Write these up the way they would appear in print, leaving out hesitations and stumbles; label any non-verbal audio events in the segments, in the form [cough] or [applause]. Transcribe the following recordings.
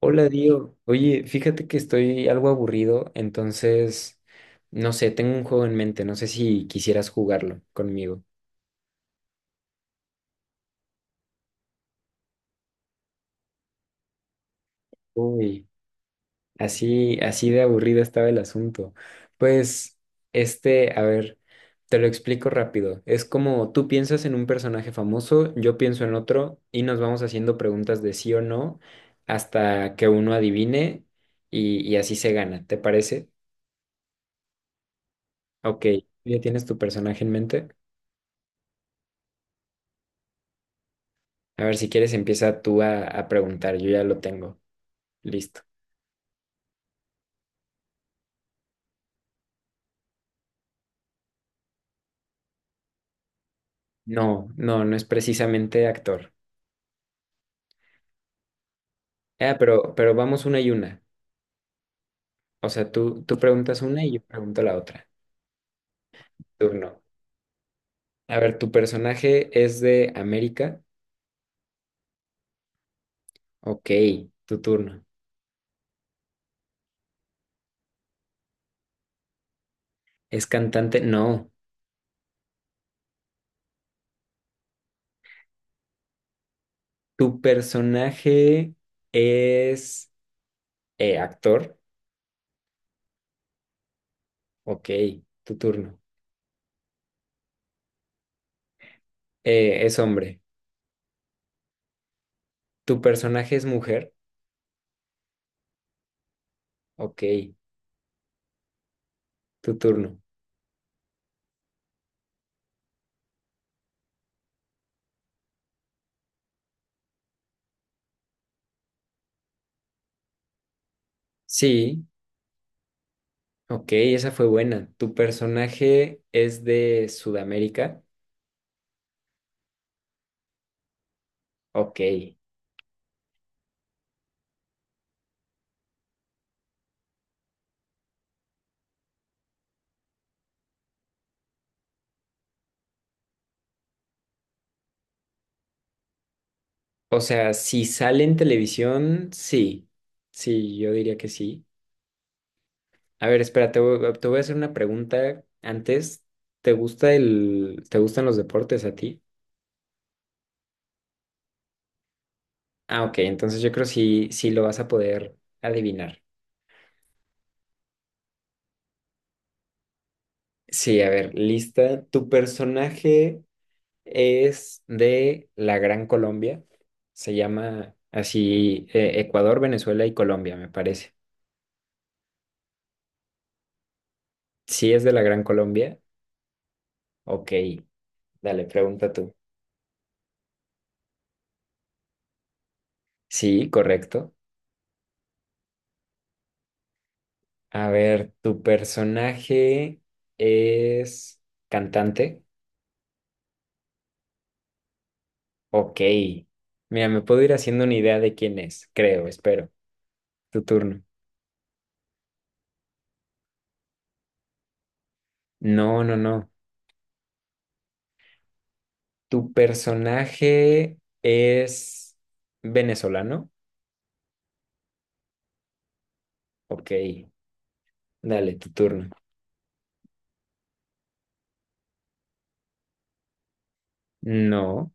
Hola, Dio. Oye, fíjate que estoy algo aburrido, entonces, no sé, tengo un juego en mente, no sé si quisieras jugarlo conmigo. Uy, así, así de aburrido estaba el asunto. Pues, a ver, te lo explico rápido. Es como tú piensas en un personaje famoso, yo pienso en otro y nos vamos haciendo preguntas de sí o no hasta que uno adivine y así se gana, ¿te parece? Ok, ¿ya tienes tu personaje en mente? A ver, si quieres empieza tú a preguntar, yo ya lo tengo. Listo. No, no, no es precisamente actor. Ah, pero vamos una y una. O sea, tú preguntas una y yo pregunto la otra. Turno. A ver, ¿tu personaje es de América? Ok, tu turno. ¿Es cantante? No. ¿Tu personaje es actor? Ok, tu turno. ¿Es hombre? ¿Tu personaje es mujer? Ok, tu turno. Sí. Ok, esa fue buena. ¿Tu personaje es de Sudamérica? Ok. O sea, si sale en televisión, sí. Sí, yo diría que sí. A ver, espera, te voy a hacer una pregunta antes. ¿Te gusta el, te gustan los deportes a ti? Ah, ok, entonces yo creo que sí, sí lo vas a poder adivinar. Sí, a ver, lista. ¿Tu personaje es de la Gran Colombia? Se llama así Ecuador, Venezuela y Colombia, me parece. Si es de la Gran Colombia, ok, dale, pregunta tú. Sí, correcto. A ver, ¿tu personaje es cantante? Ok. Mira, me puedo ir haciendo una idea de quién es, creo, espero. Tu turno. No, no, no. ¿Tu personaje es venezolano? Ok, dale, tu turno. No.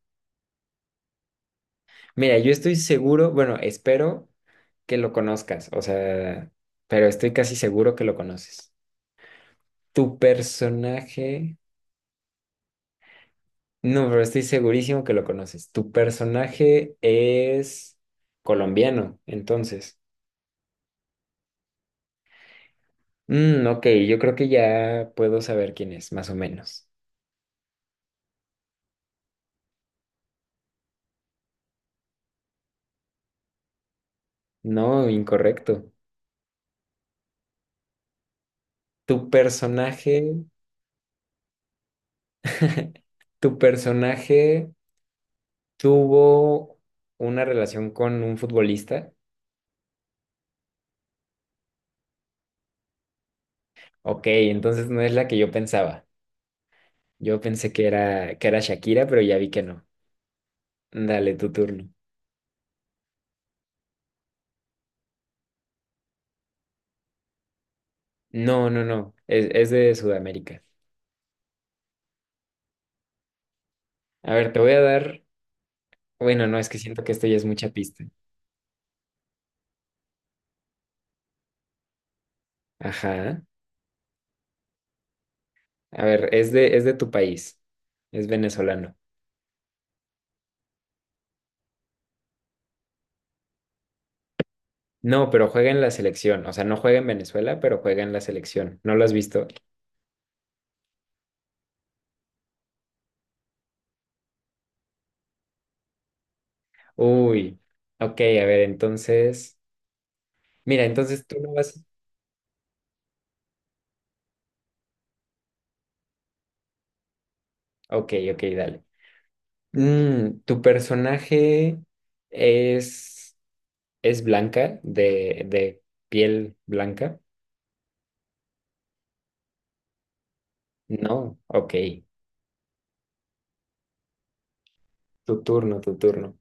Mira, yo estoy seguro, bueno, espero que lo conozcas, o sea, pero estoy casi seguro que lo conoces. Tu personaje, no, pero estoy segurísimo que lo conoces. Tu personaje es colombiano, entonces. Mm, ok, yo creo que ya puedo saber quién es, más o menos. No, incorrecto. Tu personaje, [laughs] tu personaje tuvo una relación con un futbolista. Ok, entonces no es la que yo pensaba. Yo pensé que era Shakira, pero ya vi que no. Dale, tu turno. No, no, no. Es de Sudamérica. A ver, te voy a dar. Bueno, no, es que siento que esto ya es mucha pista. Ajá. A ver, es de tu país. Es venezolano. No, pero juega en la selección. O sea, no juega en Venezuela, pero juega en la selección. ¿No lo has visto? Uy. Ok, a ver, entonces. Mira, entonces tú no vas. Ok, ok, dale. Mm, ¿tu personaje es, es blanca, de piel blanca? No, ok. Tu turno, tu turno.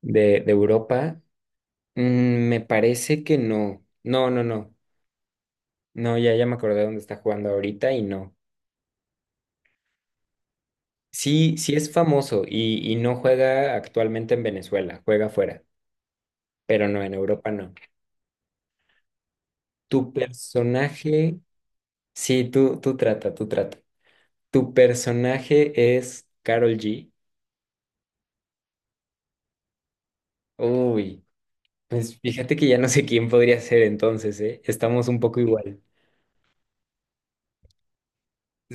¿De Europa? Mm, me parece que no. No, no, no. No, ya me acordé dónde está jugando ahorita y no. Sí, sí es famoso y no juega actualmente en Venezuela, juega afuera, pero no, en Europa no. ¿Tu personaje? Sí, tú trata, tú trata. ¿Tu personaje es Carol G? Uy, pues fíjate que ya no sé quién podría ser entonces, ¿eh? Estamos un poco igual.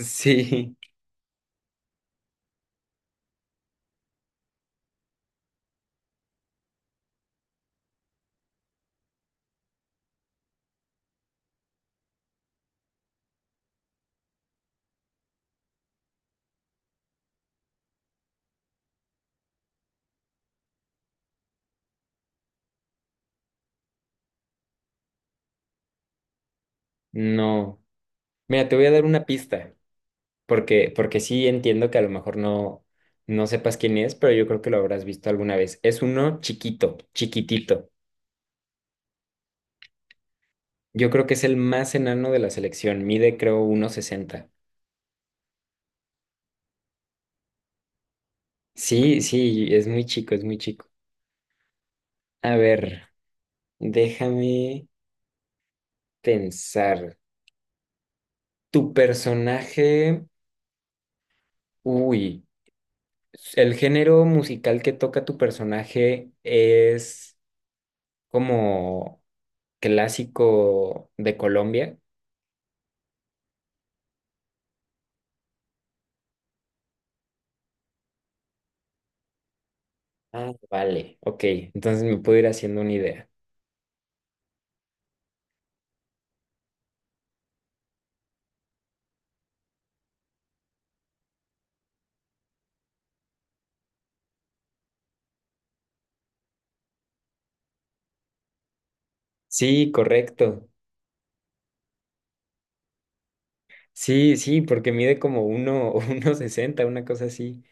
Sí, no. Mira, te voy a dar una pista, porque sí entiendo que a lo mejor no, no sepas quién es, pero yo creo que lo habrás visto alguna vez. Es uno chiquito, chiquitito. Yo creo que es el más enano de la selección. Mide, creo, 1,60. Sí, sí, es muy chico, es muy chico. A ver, déjame pensar. Tu personaje, uy. El género musical que toca tu personaje es como clásico de Colombia. Ah, vale, ok. Entonces me puedo ir haciendo una idea. Sí, correcto. Sí, sí, porque mide como uno, [laughs] uno sesenta, una cosa así.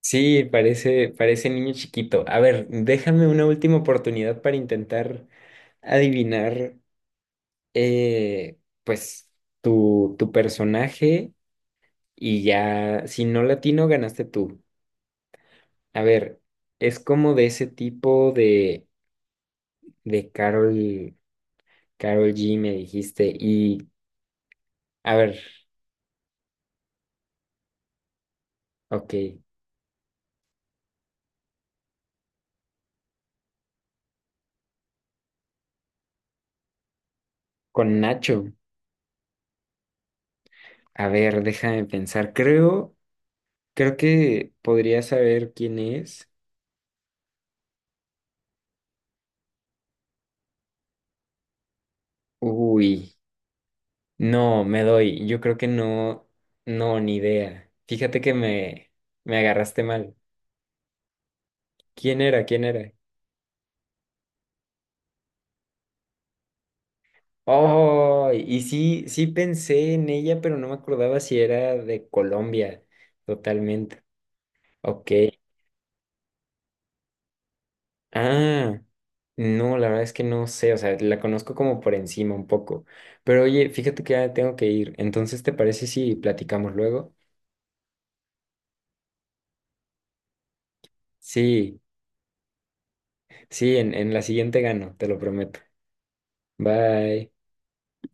Sí, parece, parece niño chiquito. A ver, déjame una última oportunidad para intentar adivinar, eh, pues, tu personaje y ya, si no latino, ganaste tú. A ver, es como de ese tipo de Carol, Carol G, me dijiste. Y, a ver, ok, con Nacho. A ver, déjame pensar. Creo, creo que podría saber quién es. Uy, no, me doy. Yo creo que no, no, ni idea. Fíjate que me agarraste mal. ¿Quién era? ¿Quién era? Oh, y sí, sí pensé en ella, pero no me acordaba si era de Colombia, totalmente. Ok. Ah, no, la verdad es que no sé, o sea, la conozco como por encima un poco. Pero oye, fíjate que ya tengo que ir. Entonces, ¿te parece si platicamos luego? Sí, sí, en la siguiente gano, te lo prometo. Bye.